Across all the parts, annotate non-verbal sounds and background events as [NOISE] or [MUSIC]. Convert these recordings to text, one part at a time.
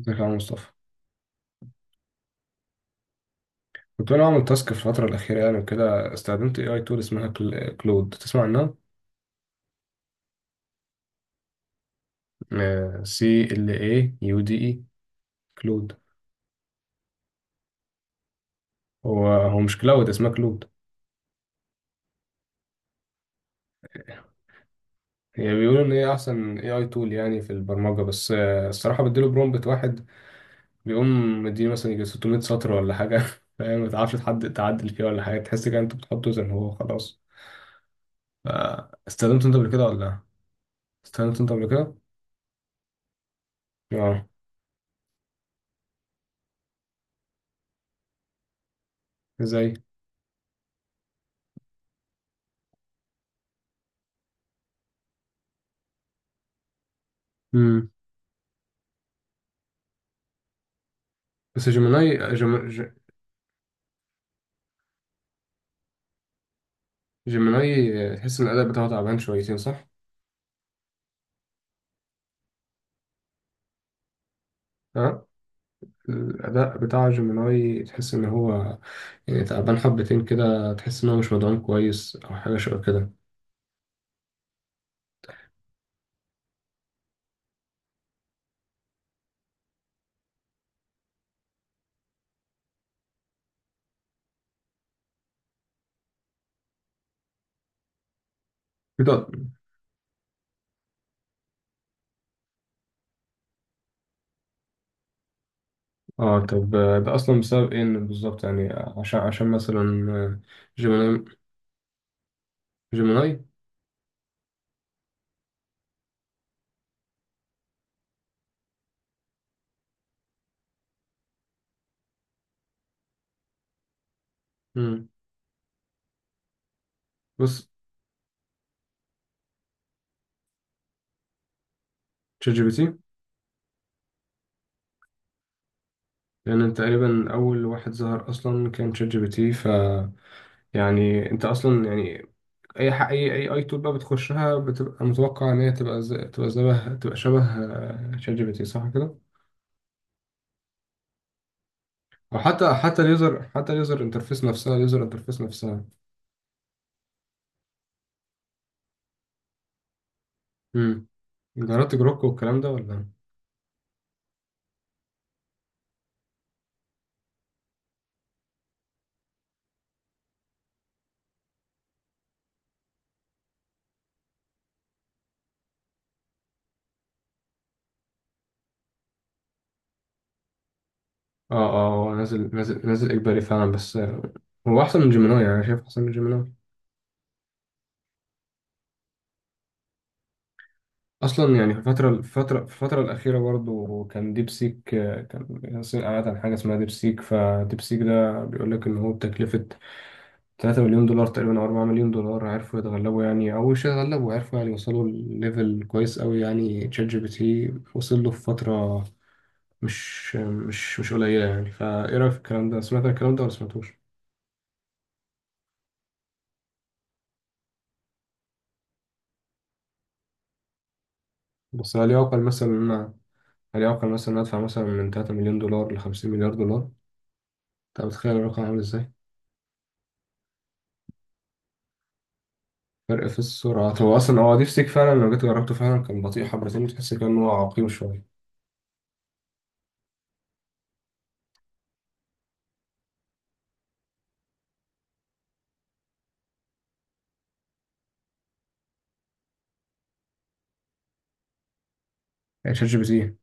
ازيك يا عم مصطفى؟ كنت انا عامل تاسك في الفتره الاخيره يعني وكده استخدمت اي اي تول اسمها كلود. تسمع عنها؟ CLAUDE. كلود. هو مش كلاود، اسمها كلود. هي بيقولوا ان هي احسن اي اي تول يعني في البرمجه، بس الصراحه بديله برومبت واحد بيقوم مديني مثلا يجي 600 سطر ولا حاجه. [LAUGHS] فاهم، ما تعرفش تحد تعدل فيه ولا حاجه، تحس كده انت بتحطه زي ما هو خلاص. ف- استخدمته انت قبل كده ولا؟ استخدمته انت قبل كده؟ اه. ازاي؟ امم. بس جيميناي، جيميناي تحس ان الاداء بتاعه تعبان شويتين، صح؟ ها؟ الاداء بتاع جيميناي تحس ان هو، يعني تعبان حبتين كده، تحس ان هو مش مدعوم كويس او حاجه شبه كده. ده اه. طب ده اصلا بسبب ايه، إن بالظبط يعني عشان مثلا جيميناي، جيميناي. مم. بص، تشات جي بي تي لان تقريبا اول واحد ظهر اصلا كان تشات جي بي تي، ف يعني انت اصلا يعني اي اي تول بقى بتخشها، بتبقى متوقع ان هي تبقى شبه تبقى شبه شات جي بي تي، صح كده؟ او حتى اليوزر، اليوزر انترفيس نفسها، اليوزر انترفيس نفسها. امم. جربت جروك والكلام ده ولا؟ اه اه، هو نازل نازل اجباري فعلا، بس هو احسن من جيميناي، يعني انا شايف احسن من جيميناي. اصلا يعني في الفتره الاخيره برضو كان ديب سيك، كان ياسر قاعد عن حاجه اسمها ديب سيك، فديب سيك ده بيقول لك ان هو بتكلفه 3 مليون دولار تقريبا او 4 مليون دولار عرفوا يتغلبوا يعني، او مش يتغلبوا، عرفوا يعني يوصلوا لليفل كويس قوي يعني تشات جي بي تي وصل له في فترة مش قليلة يعني. فايه رأيك في الكلام ده؟ سمعت الكلام ده ولا سمعتوش؟ بس هل يعقل مثلا ان انا، هل يعقل مثلا ان أنا ادفع مثلا من 3 مليون دولار ل 50 مليار دولار؟ انت متخيل الرقم عامل ازاي؟ فرق في السرعة. هو اصلا هو ديب سيك فعلا لما جيت جربته فعلا كان بطيء حبتين، تحس كان هو عقيم شوية. يعني تشات جي بي تي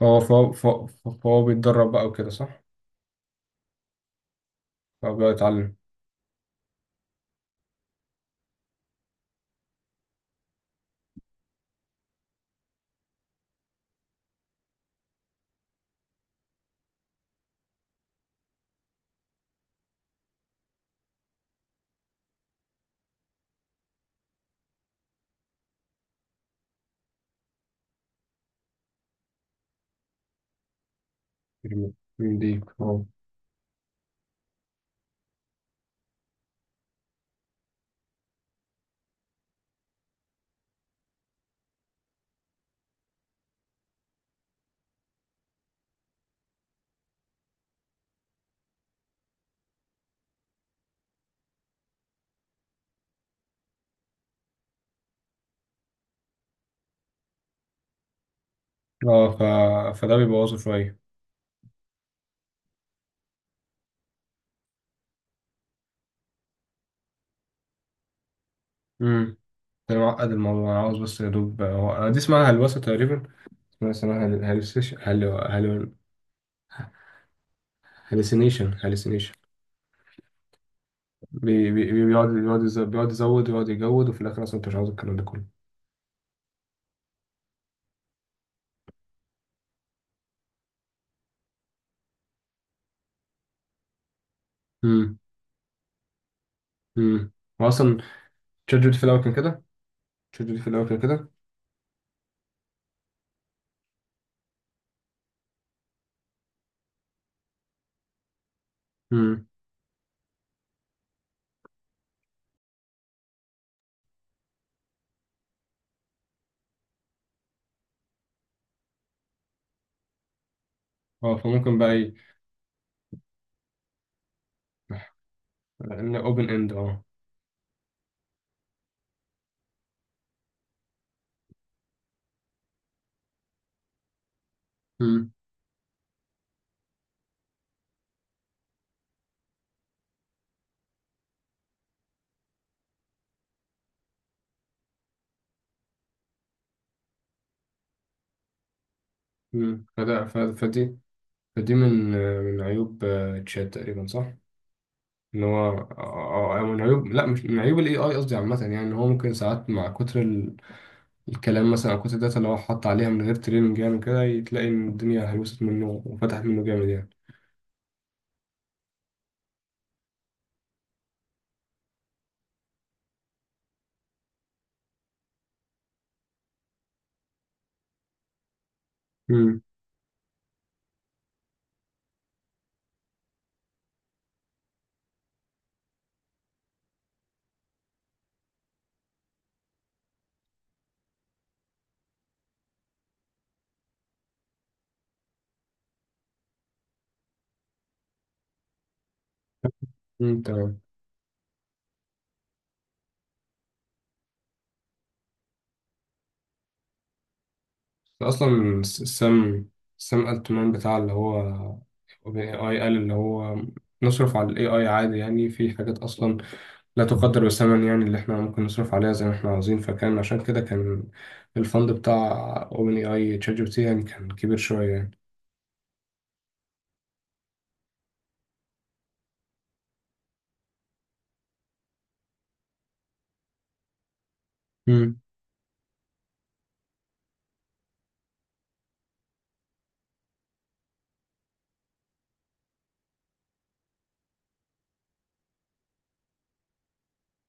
فهو بيتدرب بقى وكده، صح؟ فهو بيقعد يتعلم. كريم كريم دي اه. اه، فده بيبوظه شوية. امم. ده معقد الموضوع، انا عاوز بس يا دوب هو انا دي اسمها هلوسة تقريبا. اسمها هل- هلوسيش هلو هلو هلوسينيشن، هلوسينيشن. بيقعد بيقعد يزود ويقعد يجود، وفي الاخر اصلا انت مش عاوز الكلام ده كله. امم. امم. هو اصلا تشات جي بي تي في الاول كان كده. تشات جي بي تي في الاول كان كده. امم. اه ان اوبن اند اه. امم. فدي، فدي من من عيوب تشات تقريبا، صح؟ ان هو من عيوب، لا مش من عيوب الاي اي قصدي، عامه يعني ان هو ممكن ساعات مع كتر الكلام مثلا او كتر الداتا اللي هو حط عليها من غير تريننج، يعني كده تلاقي ان الدنيا هيوصل منه وفتحت منه جامد يعني. امم. أمم، تمام. اصلا سام، سام التمان بتاع اللي هو اي اي قال اللي هو نصرف على الاي اي عادي، يعني في حاجات اصلا لا تقدر بثمن يعني اللي احنا ممكن نصرف عليها زي ما احنا عاوزين، فكان عشان كده كان الفند بتاع اوبن اي اي تشات جي بي تي يعني كان كبير شويه يعني. مم.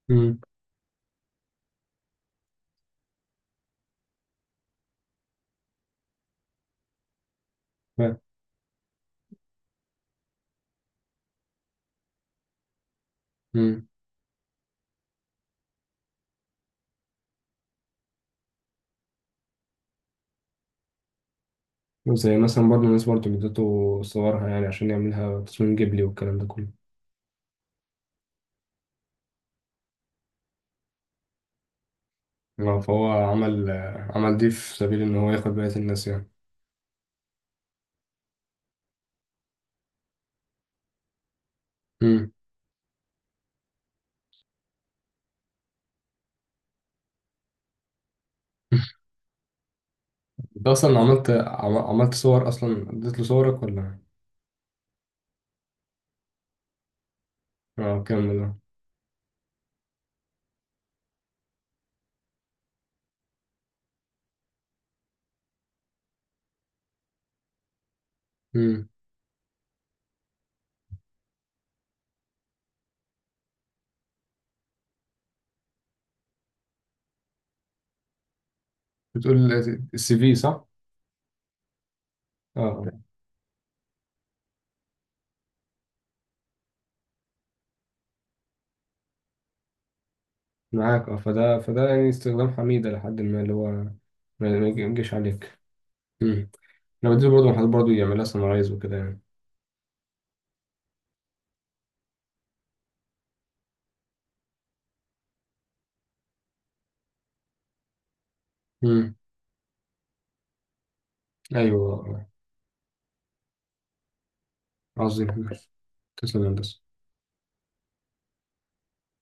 مم. فاهم. مم. وزي مثلا برضه الناس برضه اديته صورها يعني عشان يعملها تصميم جيبلي والكلام ده كله. فهو عمل عمل دي في سبيل ان هو ياخد بقية الناس يعني. مم. [LAUGHS] انت اصلا عملت صور، اصلا اديت له صورك ولا؟ اه كمل اه. مم. بتقول السي في، صح؟ اه آه. معاك اه، فده يعني استخدام حميدة لحد ما اللي هو ما يجيش عليك. مم. انا بديله برضه، حد برضه يعملها سمرايز وكده يعني. مم. ايوه آه. عظيم، تسلم يا هندسة.